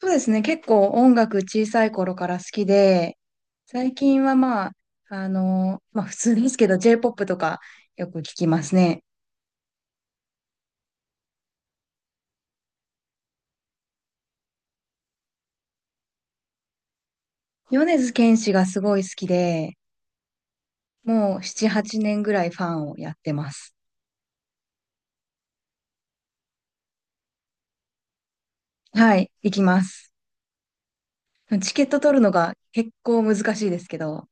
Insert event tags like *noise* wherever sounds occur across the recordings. そうですね。結構音楽小さい頃から好きで、最近はまあ、まあ普通ですけど J-POP とかよく聞きますね。米津玄師がすごい好きで、もう7、8年ぐらいファンをやってます。はい、行きます。チケット取るのが結構難しいですけど、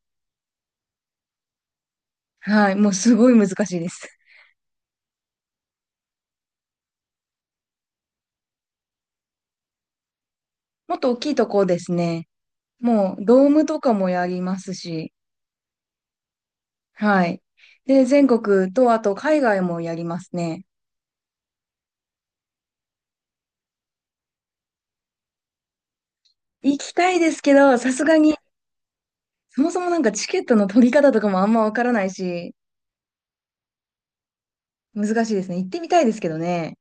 はい、もうすごい難しいです。もっと大きいとこですね。もうドームとかもやりますし、はい。で、全国とあと海外もやりますね。行きたいですけど、さすがに、そもそもなんかチケットの取り方とかもあんまわからないし、難しいですね。行ってみたいですけどね。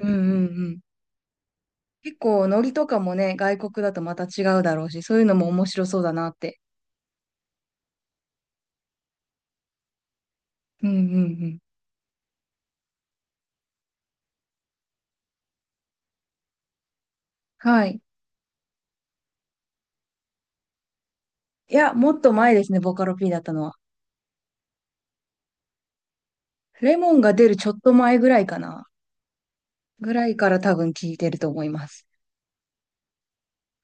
うんうんうん。結構、ノリとかもね、外国だとまた違うだろうし、そういうのも面白そうだなって。うんうんうん。はい。いや、もっと前ですね、ボカロ P だったのは。レモンが出るちょっと前ぐらいかな。ぐらいから多分聞いてると思います。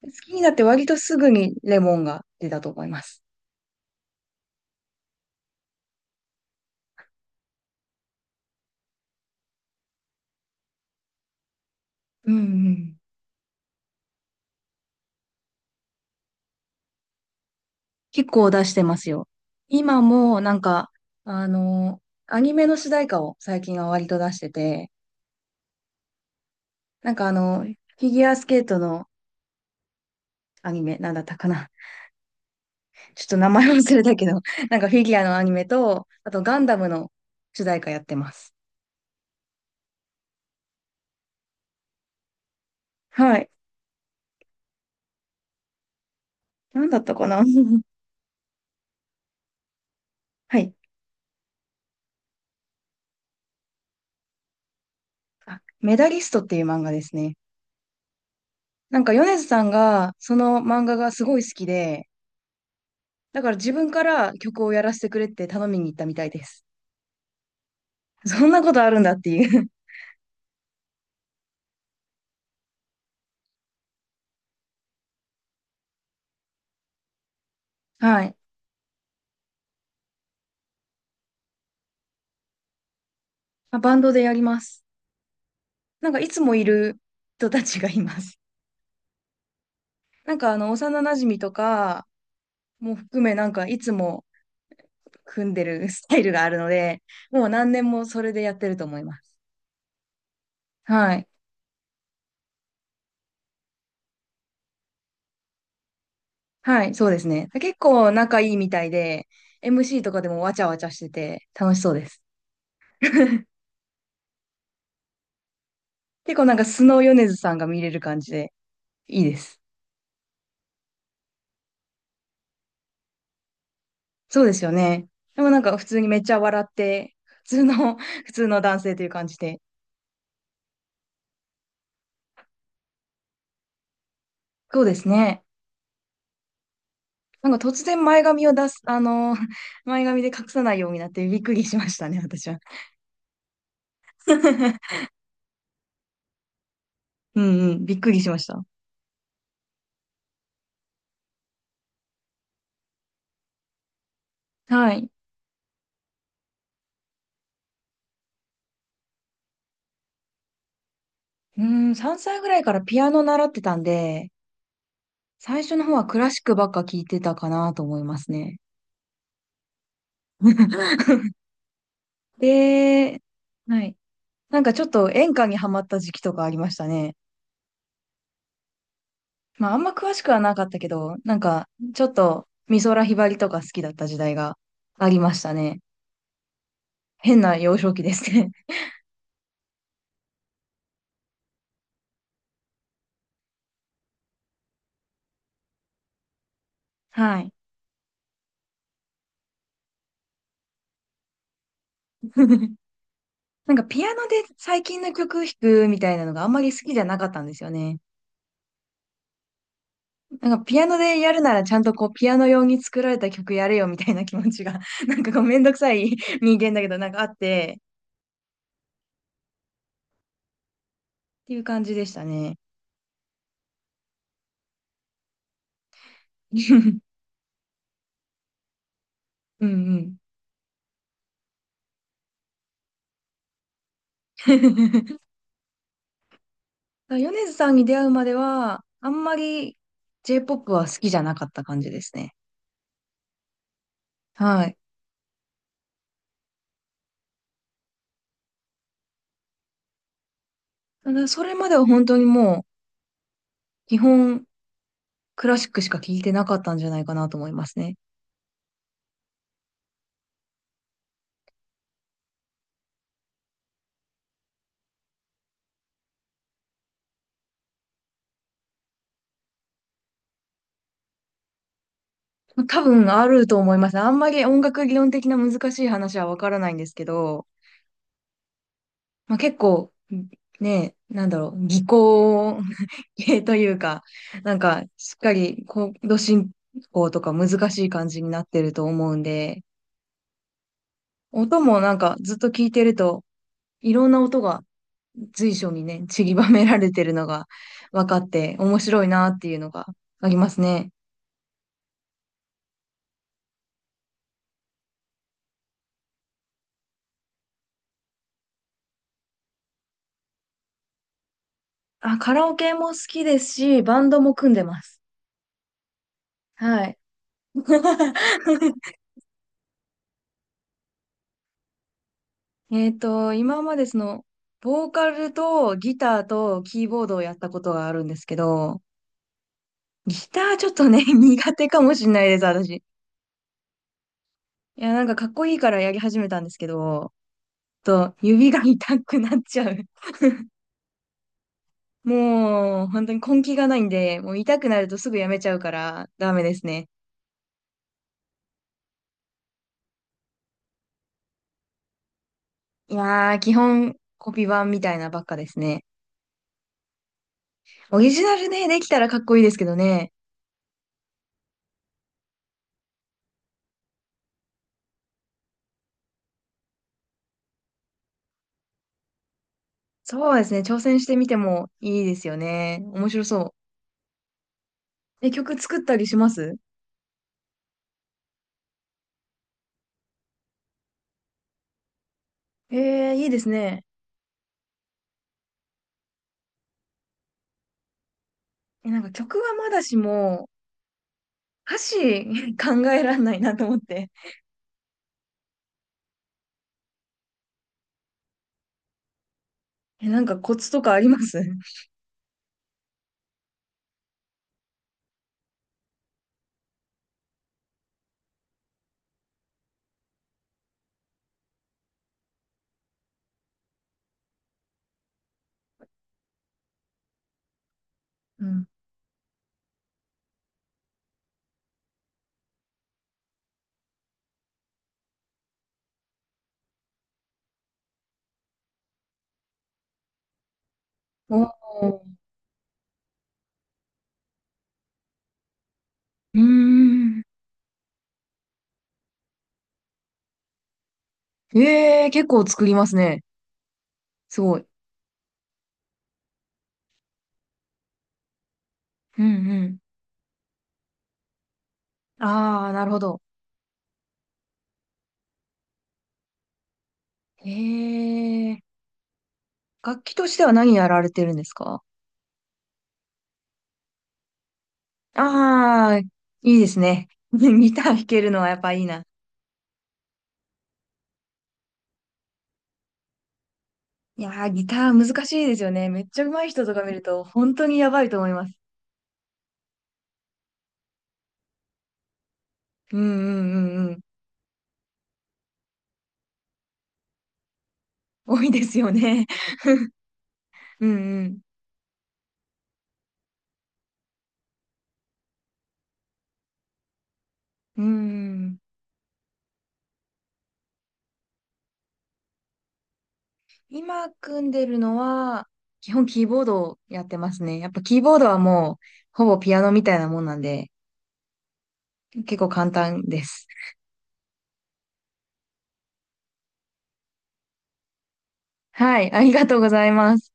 好きになって割とすぐにレモンが出たと思います。うんうん。結構出してますよ。今もなんか、あの、アニメの主題歌を最近は割と出してて、なんかフィギュアスケートのアニメ、なんだったかな。ちょっと名前忘れたけど、*laughs* なんかフィギュアのアニメと、あとガンダムの主題歌やってます。はい。なんだったかな *laughs* はい。あ、メダリストっていう漫画ですね。なんか米津さんがその漫画がすごい好きで、だから自分から曲をやらせてくれって頼みに行ったみたいです。そんなことあるんだっていう。はい。あ、バンドでやります。なんかいつもいる人たちがいます。*laughs* なんか幼馴染とかも含め、なんかいつも組んでるスタイルがあるので、もう何年もそれでやってると思います。はい。はい、そうですね。結構仲いいみたいで、MC とかでもわちゃわちゃしてて楽しそうです。*laughs* 結構なんかスノー米津さんが見れる感じでいいです。そうですよね。でもなんか普通にめっちゃ笑って、普通の、*laughs* 普通の男性という感じで。そうですね。なんか突然前髪を出す、*laughs* *laughs* 前髪で隠さないようになってびっくりしましたね、私は。*laughs* うんうん、びっくりしました。はい。うん、3歳ぐらいからピアノ習ってたんで、最初の方はクラシックばっか聞いてたかなと思いますね。*laughs* で、はい。なんかちょっと演歌にハマった時期とかありましたね。まああんま詳しくはなかったけど、なんかちょっと美空ひばりとか好きだった時代がありましたね。変な幼少期ですね。*laughs* はい。*laughs* なんかピアノで最近の曲弾くみたいなのがあんまり好きじゃなかったんですよね。なんかピアノでやるならちゃんとこうピアノ用に作られた曲やれよみたいな気持ちが *laughs* なんかこうめんどくさい人間だけどなんかあってっていう感じでしたね。*laughs* うんうん。*laughs* 米津さんに出会うまではあんまり J-POP は好きじゃなかった感じですね。はい。ただそれまでは本当にもう基本クラシックしか聴いてなかったんじゃないかなと思いますね。多分あると思います。あんまり音楽理論的な難しい話はわからないんですけど、まあ、結構、ね、なんだろう、技巧 *laughs* 系というか、なんか、しっかりコード進行とか難しい感じになってると思うんで、音もなんかずっと聞いてると、いろんな音が随所にね、散りばめられてるのが分かって面白いなっていうのがありますね。あ、カラオケも好きですし、バンドも組んでます。はい。*laughs* 今までボーカルとギターとキーボードをやったことがあるんですけど、ギターちょっとね、*laughs* 苦手かもしれないです、私。いや、なんかかっこいいからやり始めたんですけど、ちょっと指が痛くなっちゃう。*laughs* もう、本当に根気がないんで、もう痛くなるとすぐやめちゃうからダメですね。いやー、基本コピー版みたいなばっかですね。オリジナルね、できたらかっこいいですけどね。そうですね、挑戦してみてもいいですよね。面白そう。え、曲作ったりします？えー、いいですね。え、なんか曲はまだしも、歌詞 *laughs* 考えらんないなと思って。え、なんかコツとかあります？うん。おー。うーん。えー、結構作りますね。すごい。うんうん。ああなるほど。えー、楽器としては何やられてるんですか？ああー、いいですね。*laughs* ギター弾けるのはやっぱいいな。いやー、ギター難しいですよね。めっちゃ上手い人とか見ると、本当にやばいと思います。うんうんうんうん。多いですよね。*laughs* うんうん。うん。今組んでるのは、基本キーボードをやってますね。やっぱキーボードはもう、ほぼピアノみたいなもんなんで、結構簡単です。はい、ありがとうございます。